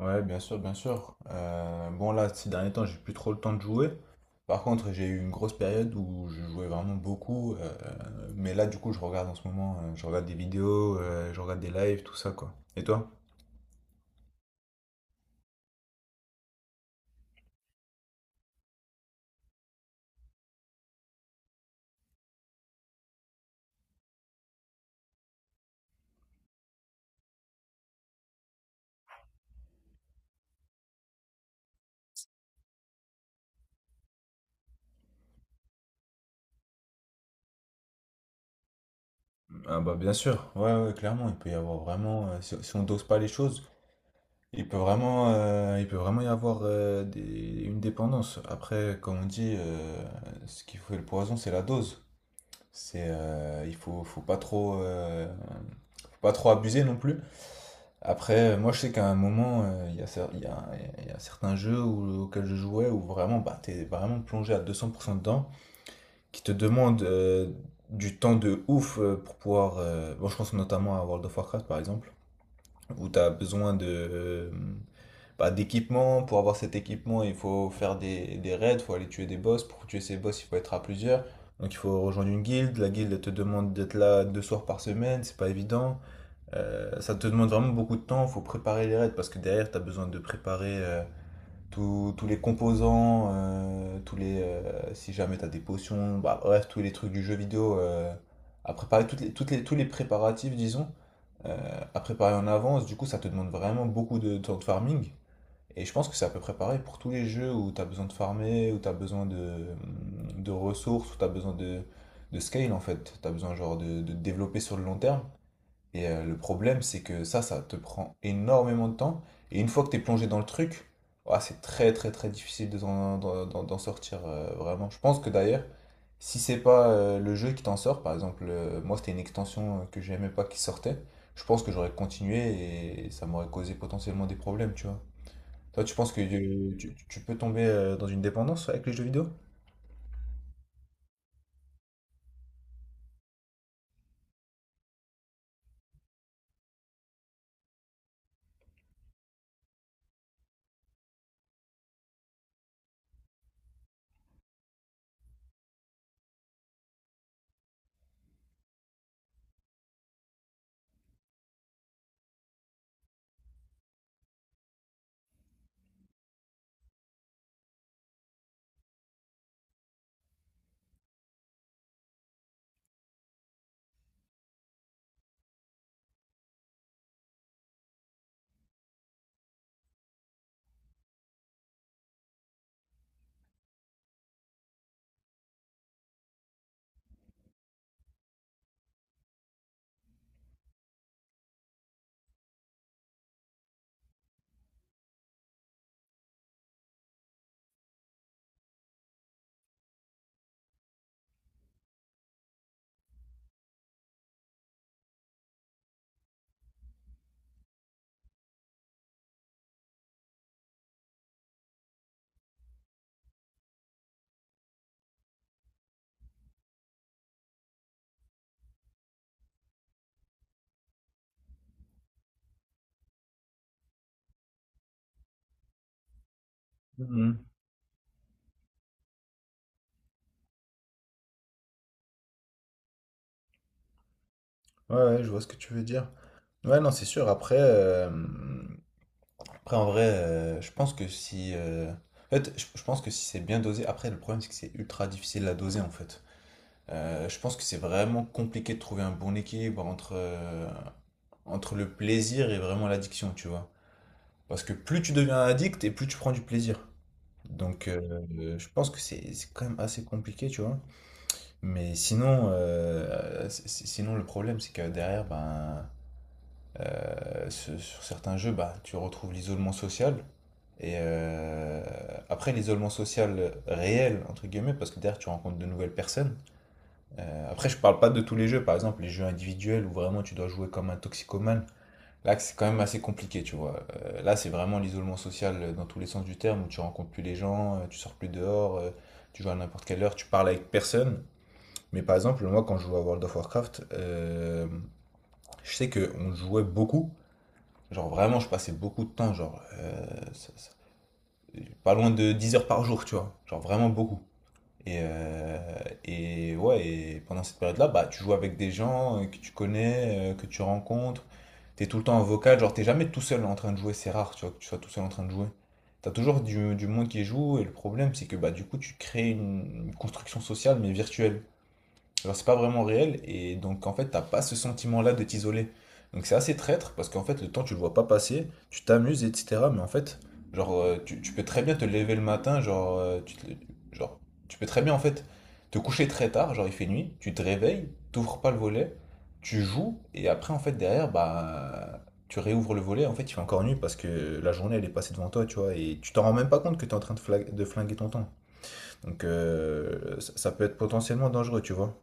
Ouais, bien sûr, bien sûr. Bon, là, ces derniers temps, j'ai plus trop le temps de jouer. Par contre, j'ai eu une grosse période où je jouais vraiment beaucoup. Mais là, du coup, je regarde en ce moment, je regarde des vidéos, je regarde des lives, tout ça, quoi. Et toi? Ah bah bien sûr, ouais, ouais, clairement, il peut y avoir vraiment, si on dose pas les choses, il peut vraiment y avoir une dépendance. Après, comme on dit, ce qui fait le poison, c'est la dose. C'est, euh, il faut, faut pas trop, euh, faut pas trop abuser non plus. Après, moi, je sais qu'à un moment, il y a certains jeux auxquels je jouais où vraiment, bah, t'es vraiment plongé à 200% dedans, qui te demandent du temps de ouf pour pouvoir. Bon, je pense notamment à World of Warcraft, par exemple, où t'as besoin de, bah, d'équipement. Pour avoir cet équipement, il faut faire des raids, il faut aller tuer des boss. Pour tuer ces boss, il faut être à plusieurs. Donc, il faut rejoindre une guilde. La guilde, elle te demande d'être là deux soirs par semaine, c'est pas évident. Ça te demande vraiment beaucoup de temps, il faut préparer les raids parce que derrière, tu as besoin de préparer tous les composants, si jamais tu as des potions, bah, bref, tous les trucs du jeu vidéo à préparer, tous les préparatifs, disons, à préparer en avance. Du coup, ça te demande vraiment beaucoup de temps de farming. Et je pense que c'est à peu près pareil pour tous les jeux où tu as besoin de farmer, où tu as besoin de ressources, où tu as besoin de scale en fait. Tu as besoin genre de te développer sur le long terme. Le problème, c'est que ça te prend énormément de temps. Et une fois que tu es plongé dans le truc, ouah, c'est très très très difficile de d'en sortir vraiment. Je pense que d'ailleurs, si c'est pas le jeu qui t'en sort, par exemple, moi c'était une extension que j'aimais pas qui sortait, je pense que j'aurais continué et ça m'aurait causé potentiellement des problèmes, tu vois. Toi, tu penses que tu peux tomber dans une dépendance ouais, avec les jeux vidéo? Mhm. Ouais, ouais, je vois ce que tu veux dire. Ouais, non, c'est sûr. Après, en vrai, je pense que si. En fait, je pense que si c'est bien dosé. Après, le problème, c'est que c'est ultra difficile à doser, en fait. Je pense que c'est vraiment compliqué de trouver un bon équilibre entre le plaisir et vraiment l'addiction, tu vois. Parce que plus tu deviens addict et plus tu prends du plaisir. Donc, je pense que c'est quand même assez compliqué, tu vois. Mais sinon, sinon le problème, c'est que derrière, ben. Sur sur certains jeux, bah, tu retrouves l'isolement social. Et après, l'isolement social réel, entre guillemets, parce que derrière, tu rencontres de nouvelles personnes. Après, je parle pas de tous les jeux, par exemple, les jeux individuels où vraiment tu dois jouer comme un toxicomane. Là, c'est quand même assez compliqué, tu vois. Là, c'est vraiment l'isolement social dans tous les sens du terme, où tu rencontres plus les gens, tu sors plus dehors, tu joues à n'importe quelle heure, tu parles avec personne. Mais par exemple, moi, quand je jouais à World of Warcraft, je sais qu'on jouait beaucoup. Genre vraiment, je passais beaucoup de temps, genre ça- ça- pas loin de 10 heures par jour, tu vois. Genre vraiment beaucoup. Et, euh, et ouais, et pendant cette période-là, bah, tu joues avec des gens que tu connais, que tu rencontres. T'es tout le temps en vocal, genre t'es jamais tout seul en train de jouer, c'est rare, tu vois, que tu sois tout seul en train de jouer. T'as toujours du monde qui joue, et le problème, c'est que bah, du coup, tu crées une construction sociale, mais virtuelle. Genre, c'est pas vraiment réel, et donc en fait, t'as pas ce sentiment-là de t'isoler. Donc c'est assez traître, parce qu'en fait, le temps, tu le vois pas passer, tu t'amuses, etc. Mais en fait, tu peux très bien te lever le matin, genre, tu peux très bien en fait te coucher très tard, genre il fait nuit, tu te réveilles, t'ouvres pas le volet, tu joues, et après, en fait, derrière, bah, tu réouvres le volet, en fait, il fait encore nuit, parce que la journée, elle est passée devant toi, tu vois, et tu t'en rends même pas compte que t'es en train de de flinguer ton temps. Donc ça ça peut être potentiellement dangereux, tu vois.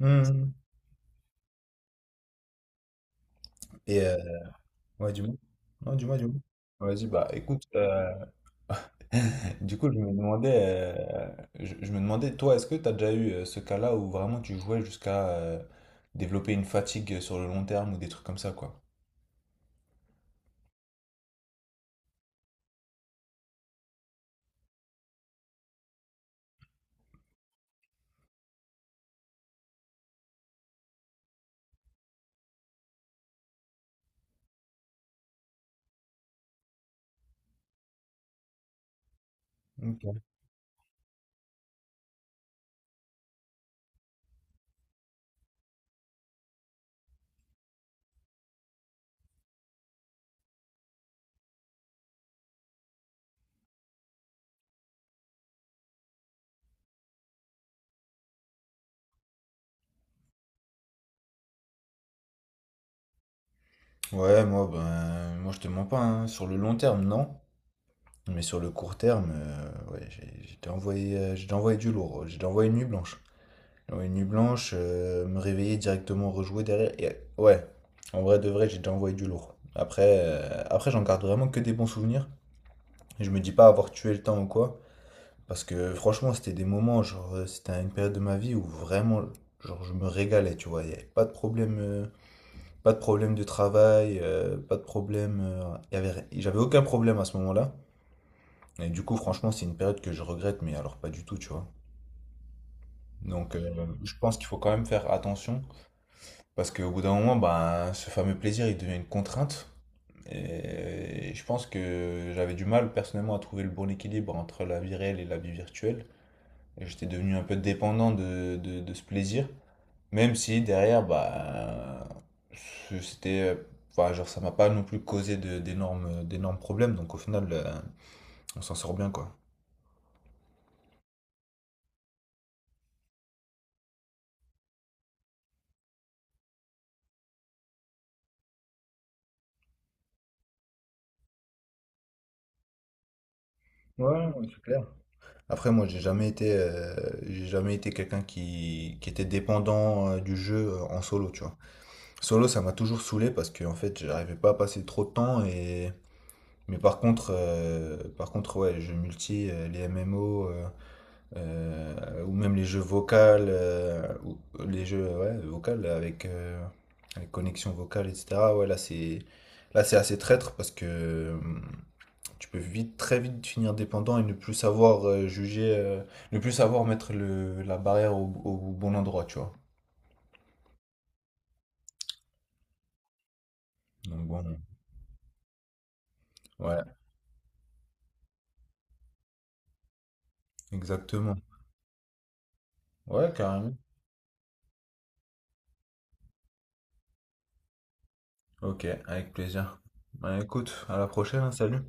Mhm. Et euh, ouais, du moins. Non, du moins, du moins. Vas-y, bah écoute, du coup, je me demandais, je me demandais, toi, est-ce que tu as déjà eu ce cas-là où vraiment tu jouais jusqu'à développer une fatigue sur le long terme ou des trucs comme ça, quoi? Ok. Ouais, moi, ben, moi, je te mens pas, hein. Sur le long terme, non. Mais sur le court terme, ouais, j'ai déjà envoyé du lourd, j'ai déjà envoyé une nuit blanche. Ouais, une nuit blanche, me réveiller directement, rejouer derrière. Ouais, en vrai de vrai, j'ai déjà envoyé du lourd. Après, après j'en garde vraiment que des bons souvenirs. Et je me dis pas avoir tué le temps ou quoi. Parce que franchement, c'était des moments, c'était une période de ma vie où vraiment, genre, je me régalais, tu vois. Il n'y avait pas de problème, pas de problème de travail, pas de problème. Il y avait, ri- J'avais aucun problème à ce moment-là. Et du coup, franchement, c'est une période que je regrette, mais alors pas du tout, tu vois. Donc, je pense qu'il faut quand même faire attention. Parce qu'au bout d'un moment, ben, ce fameux plaisir, il devient une contrainte. Et je pense que j'avais du mal personnellement à trouver le bon équilibre entre la vie réelle et la vie virtuelle. Et j'étais devenu un peu dépendant de ce plaisir. Même si derrière, bah, c'était, enfin, genre, ça m'a pas non plus causé d'énormes, d'énormes problèmes. Donc au final, on s'en sort bien, quoi. Ouais, ouais, c'est clair. Après, moi, j'ai jamais été quelqu'un qui était dépendant du jeu en solo, tu vois. Solo, ça m'a toujours saoulé parce que en fait, j'arrivais pas à passer trop de temps et mais par contre ouais, les jeux multi, les MMO ou même les jeux vocales ou les jeux ouais, vocales avec avec connexion vocale etc. Ouais, là c'est assez traître parce que tu peux vite très vite finir dépendant et ne plus savoir juger ne plus savoir mettre le la barrière au bon endroit, tu vois. Donc bon, ouais, exactement. Ouais, carrément. Ok, avec plaisir. Bah, écoute, à la prochaine, hein, salut.